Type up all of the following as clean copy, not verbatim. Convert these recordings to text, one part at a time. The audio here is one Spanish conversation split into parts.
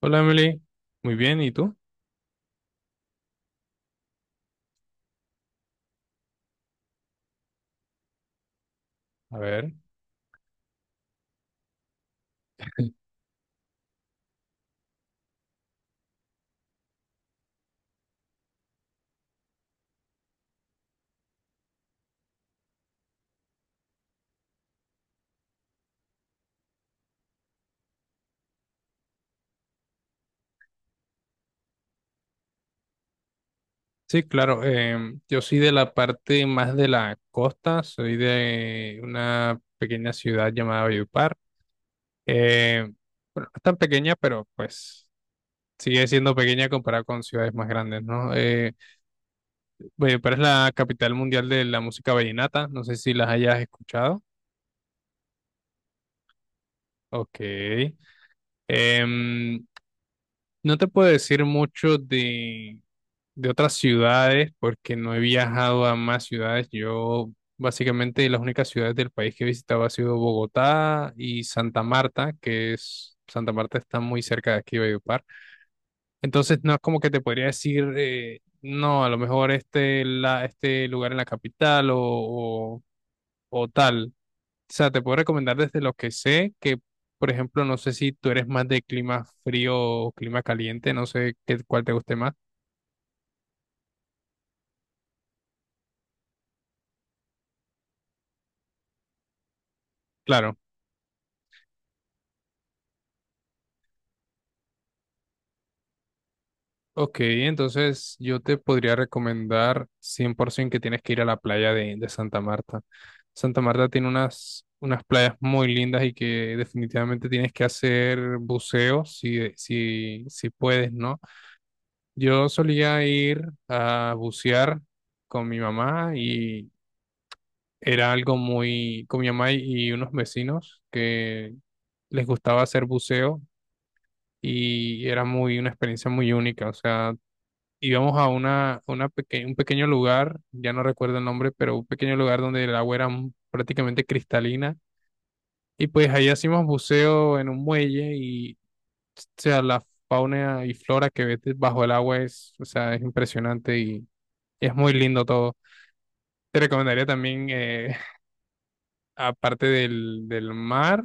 Hola Emily, muy bien, ¿y tú? A ver. Sí, claro, yo soy de la parte más de la costa, soy de una pequeña ciudad llamada Valledupar. Eh, bueno, no es tan pequeña, pero pues sigue siendo pequeña comparada con ciudades más grandes, ¿no? Valledupar es la capital mundial de la música vallenata, no sé si las hayas escuchado. Ok. Em, no te puedo decir mucho de otras ciudades porque no he viajado a más ciudades. Yo básicamente las únicas ciudades del país que he visitado ha sido Bogotá y Santa Marta, que es Santa Marta está muy cerca de aquí, Valledupar. Entonces no es como que te podría decir, no, a lo mejor este, este lugar en la capital o tal. O sea, te puedo recomendar desde lo que sé que... Por ejemplo, no sé si tú eres más de clima frío o clima caliente, no sé qué, cuál te guste más. Claro. Ok, entonces yo te podría recomendar 100% que tienes que ir a la playa de Santa Marta. Santa Marta tiene unas playas muy lindas y que definitivamente tienes que hacer buceo si puedes, ¿no? Yo solía ir a bucear con mi mamá y era algo muy, con mi mamá y unos vecinos que les gustaba hacer buceo y era muy, una experiencia muy única, o sea, íbamos a una un pequeño lugar, ya no recuerdo el nombre, pero un pequeño lugar donde el agua era prácticamente cristalina. Y pues ahí hacíamos buceo en un muelle y, o sea, la fauna y flora que ves bajo el agua es, o sea, es impresionante y es muy lindo todo. Te recomendaría también, aparte del mar,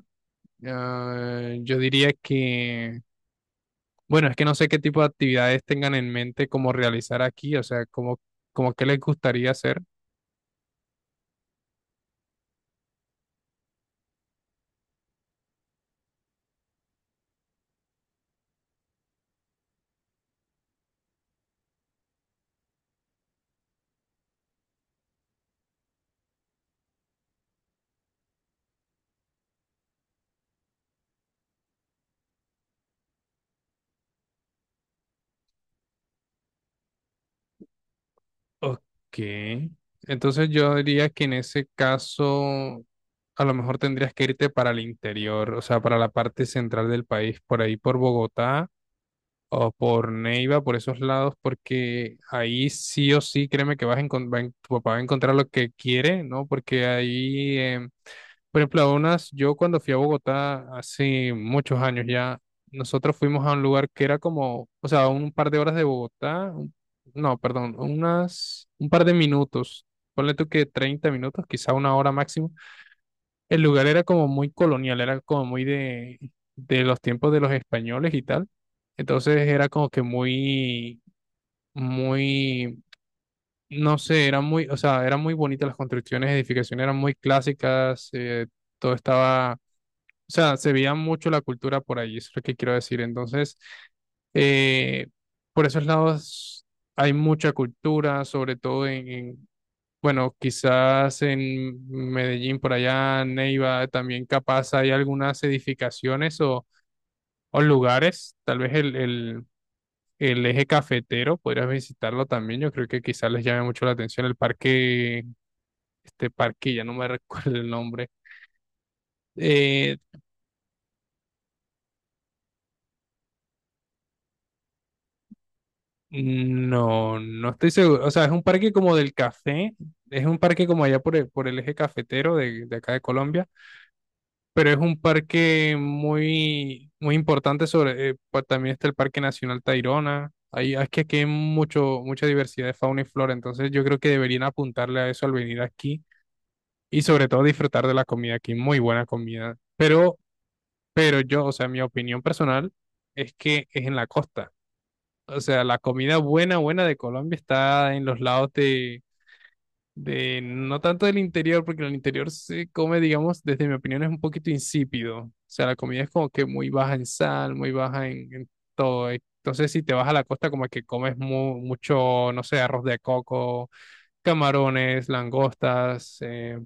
ah, yo diría que, bueno, es que no sé qué tipo de actividades tengan en mente como realizar aquí, o sea, como, como qué les gustaría hacer. Ok. Entonces yo diría que en ese caso a lo mejor tendrías que irte para el interior, o sea, para la parte central del país, por ahí por Bogotá o por Neiva, por esos lados, porque ahí sí o sí, créeme que vas a tu papá va a encontrar lo que quiere, ¿no? Porque ahí por ejemplo, unas, yo cuando fui a Bogotá hace muchos años ya, nosotros fuimos a un lugar que era como, o sea, un par de horas de Bogotá, no, perdón, unas, un par de minutos, ponle tú que 30 minutos, quizá una hora máximo. El lugar era como muy colonial, era como muy de los tiempos de los españoles y tal. Entonces era como que muy, muy, no sé, era muy, o sea, eran muy bonitas las construcciones, edificaciones eran muy clásicas, todo estaba o sea, se veía mucho la cultura por ahí, eso es lo que quiero decir. Entonces, eh, por esos lados hay mucha cultura, sobre todo bueno, quizás en Medellín, por allá, Neiva, también capaz hay algunas edificaciones o lugares, tal vez el eje cafetero, podrías visitarlo también, yo creo que quizás les llame mucho la atención el parque, este parque, ya no me recuerdo el nombre. Eh, No, no estoy seguro. O sea, es un parque como del café. Es un parque como allá por por el eje cafetero de acá de Colombia. Pero es un parque muy, muy importante sobre... también está el Parque Nacional Tayrona. Ahí, es que aquí hay mucho, mucha diversidad de fauna y flora. Entonces yo creo que deberían apuntarle a eso al venir aquí. Y sobre todo disfrutar de la comida aquí. Muy buena comida. Pero yo, o sea, mi opinión personal es que es en la costa. O sea, la comida buena, buena de Colombia está en los lados no tanto del interior, porque en el interior se come, digamos, desde mi opinión, es un poquito insípido. O sea, la comida es como que muy baja en sal, muy baja en todo. Entonces, si te vas a la costa, como que comes mucho, no sé, arroz de coco, camarones, langostas, eh,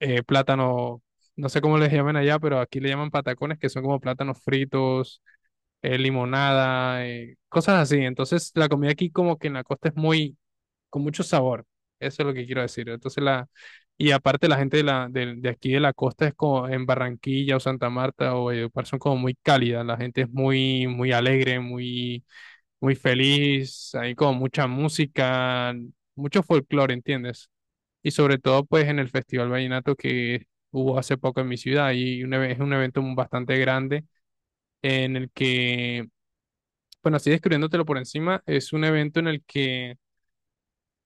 eh, plátano, no sé cómo les llaman allá, pero aquí le llaman patacones, que son como plátanos fritos limonada, cosas así. Entonces, la comida aquí como que en la costa es muy, con mucho sabor. Eso es lo que quiero decir. Entonces, la, y aparte la gente de aquí de la costa es como en Barranquilla o Santa Marta o Valledupar son como muy cálida. La gente es muy, muy alegre, muy, muy feliz. Hay como mucha música, mucho folclore, ¿entiendes? Y sobre todo, pues, en el Festival Vallenato que hubo hace poco en mi ciudad es un evento bastante grande en el que bueno, así describiéndotelo por encima, es un evento en el que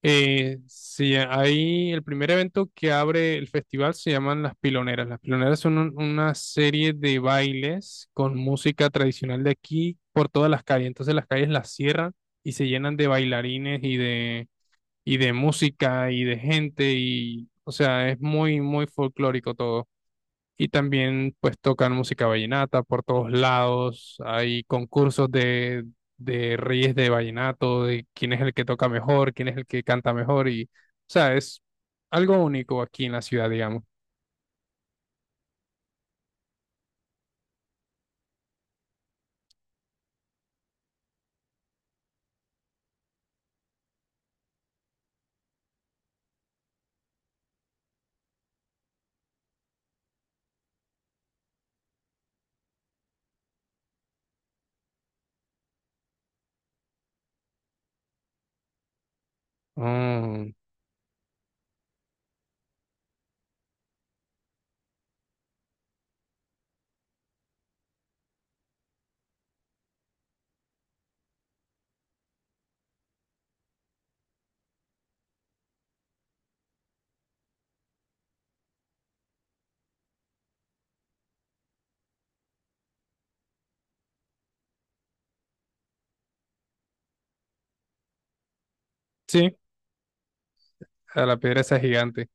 si hay el primer evento que abre el festival se llaman las piloneras. Las piloneras son una serie de bailes con música tradicional de aquí por todas las calles. Entonces las calles las cierran y se llenan de bailarines y de música y de gente y o sea, es muy muy folclórico todo y también pues tocan música vallenata por todos lados, hay concursos de reyes de vallenato, de quién es el que toca mejor, quién es el que canta mejor y, o sea, es algo único aquí en la ciudad, digamos. Mm, sí, a la piedra esa gigante,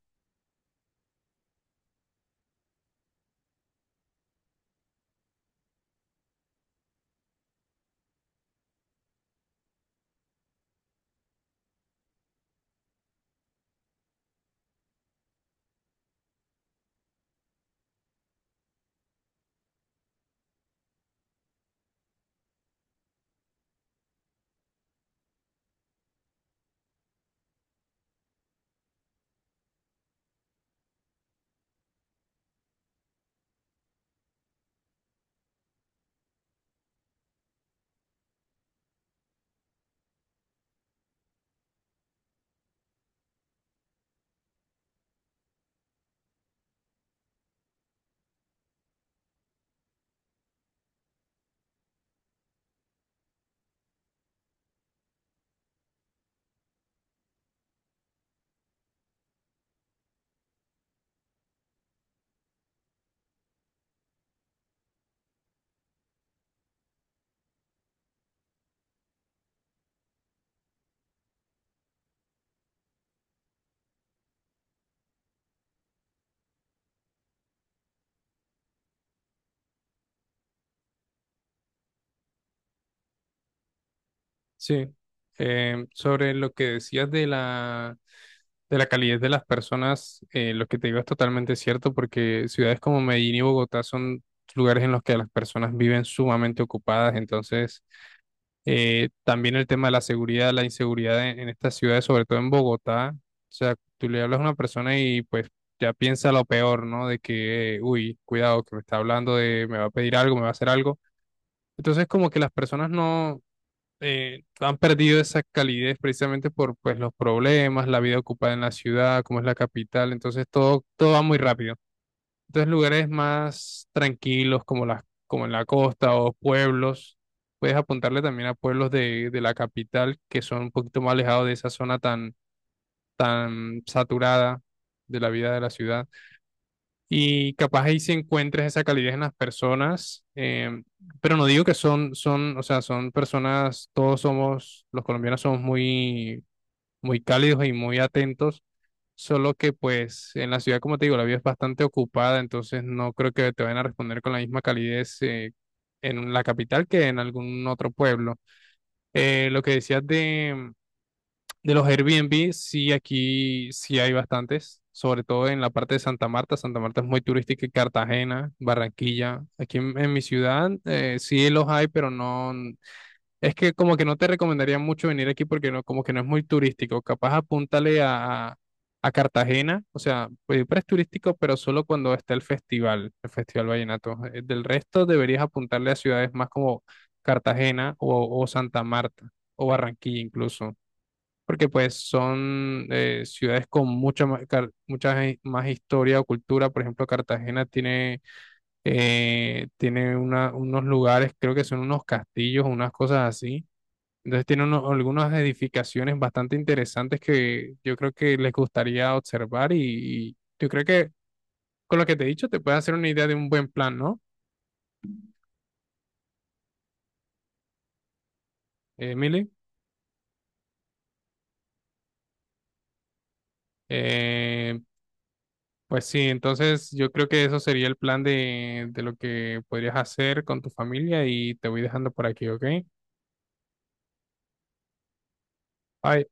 sí. Sobre lo que decías de la... De la calidez de las personas, lo que te digo es totalmente cierto, porque ciudades como Medellín y Bogotá son lugares en los que las personas viven sumamente ocupadas, entonces también el tema de la seguridad, la inseguridad en estas ciudades, sobre todo en Bogotá. O sea, tú le hablas a una persona y pues ya piensa lo peor, ¿no? De que, uy, cuidado, que me está hablando de, me va a pedir algo, me va a hacer algo. Entonces, como que las personas no han perdido esa calidez precisamente por pues los problemas, la vida ocupada en la ciudad, como es la capital. Entonces, todo, todo va muy rápido. Entonces, lugares más tranquilos como las, como en la costa o pueblos, puedes apuntarle también a pueblos de la capital que son un poquito más alejados de esa zona tan, tan saturada de la vida de la ciudad. Y capaz ahí sí encuentres esa calidez en las personas, pero no digo que son, son, o sea, son personas, todos somos, los colombianos somos muy, muy cálidos y muy atentos. Solo que pues en la ciudad, como te digo, la vida es bastante ocupada, entonces no creo que te vayan a responder con la misma calidez en la capital que en algún otro pueblo. Lo que decías de los Airbnb, sí, aquí sí hay bastantes, sobre todo en la parte de Santa Marta. Santa Marta es muy turística y Cartagena, Barranquilla. Aquí en mi ciudad sí los hay, pero no. Es que como que no te recomendaría mucho venir aquí porque no, como que no es muy turístico. Capaz apúntale a Cartagena, o sea, pues es turístico, pero solo cuando está el Festival Vallenato. Del resto deberías apuntarle a ciudades más como Cartagena o Santa Marta o Barranquilla incluso, porque pues son ciudades con mucha más, mucha más historia o cultura. Por ejemplo, Cartagena tiene, tiene unos lugares, creo que son unos castillos o unas cosas así, entonces tiene algunas edificaciones bastante interesantes que yo creo que les gustaría observar y yo creo que con lo que te he dicho te puede hacer una idea de un buen plan, ¿no, Emily? Eh, pues sí, entonces yo creo que eso sería el plan de lo que podrías hacer con tu familia y te voy dejando por aquí, ¿ok? Bye.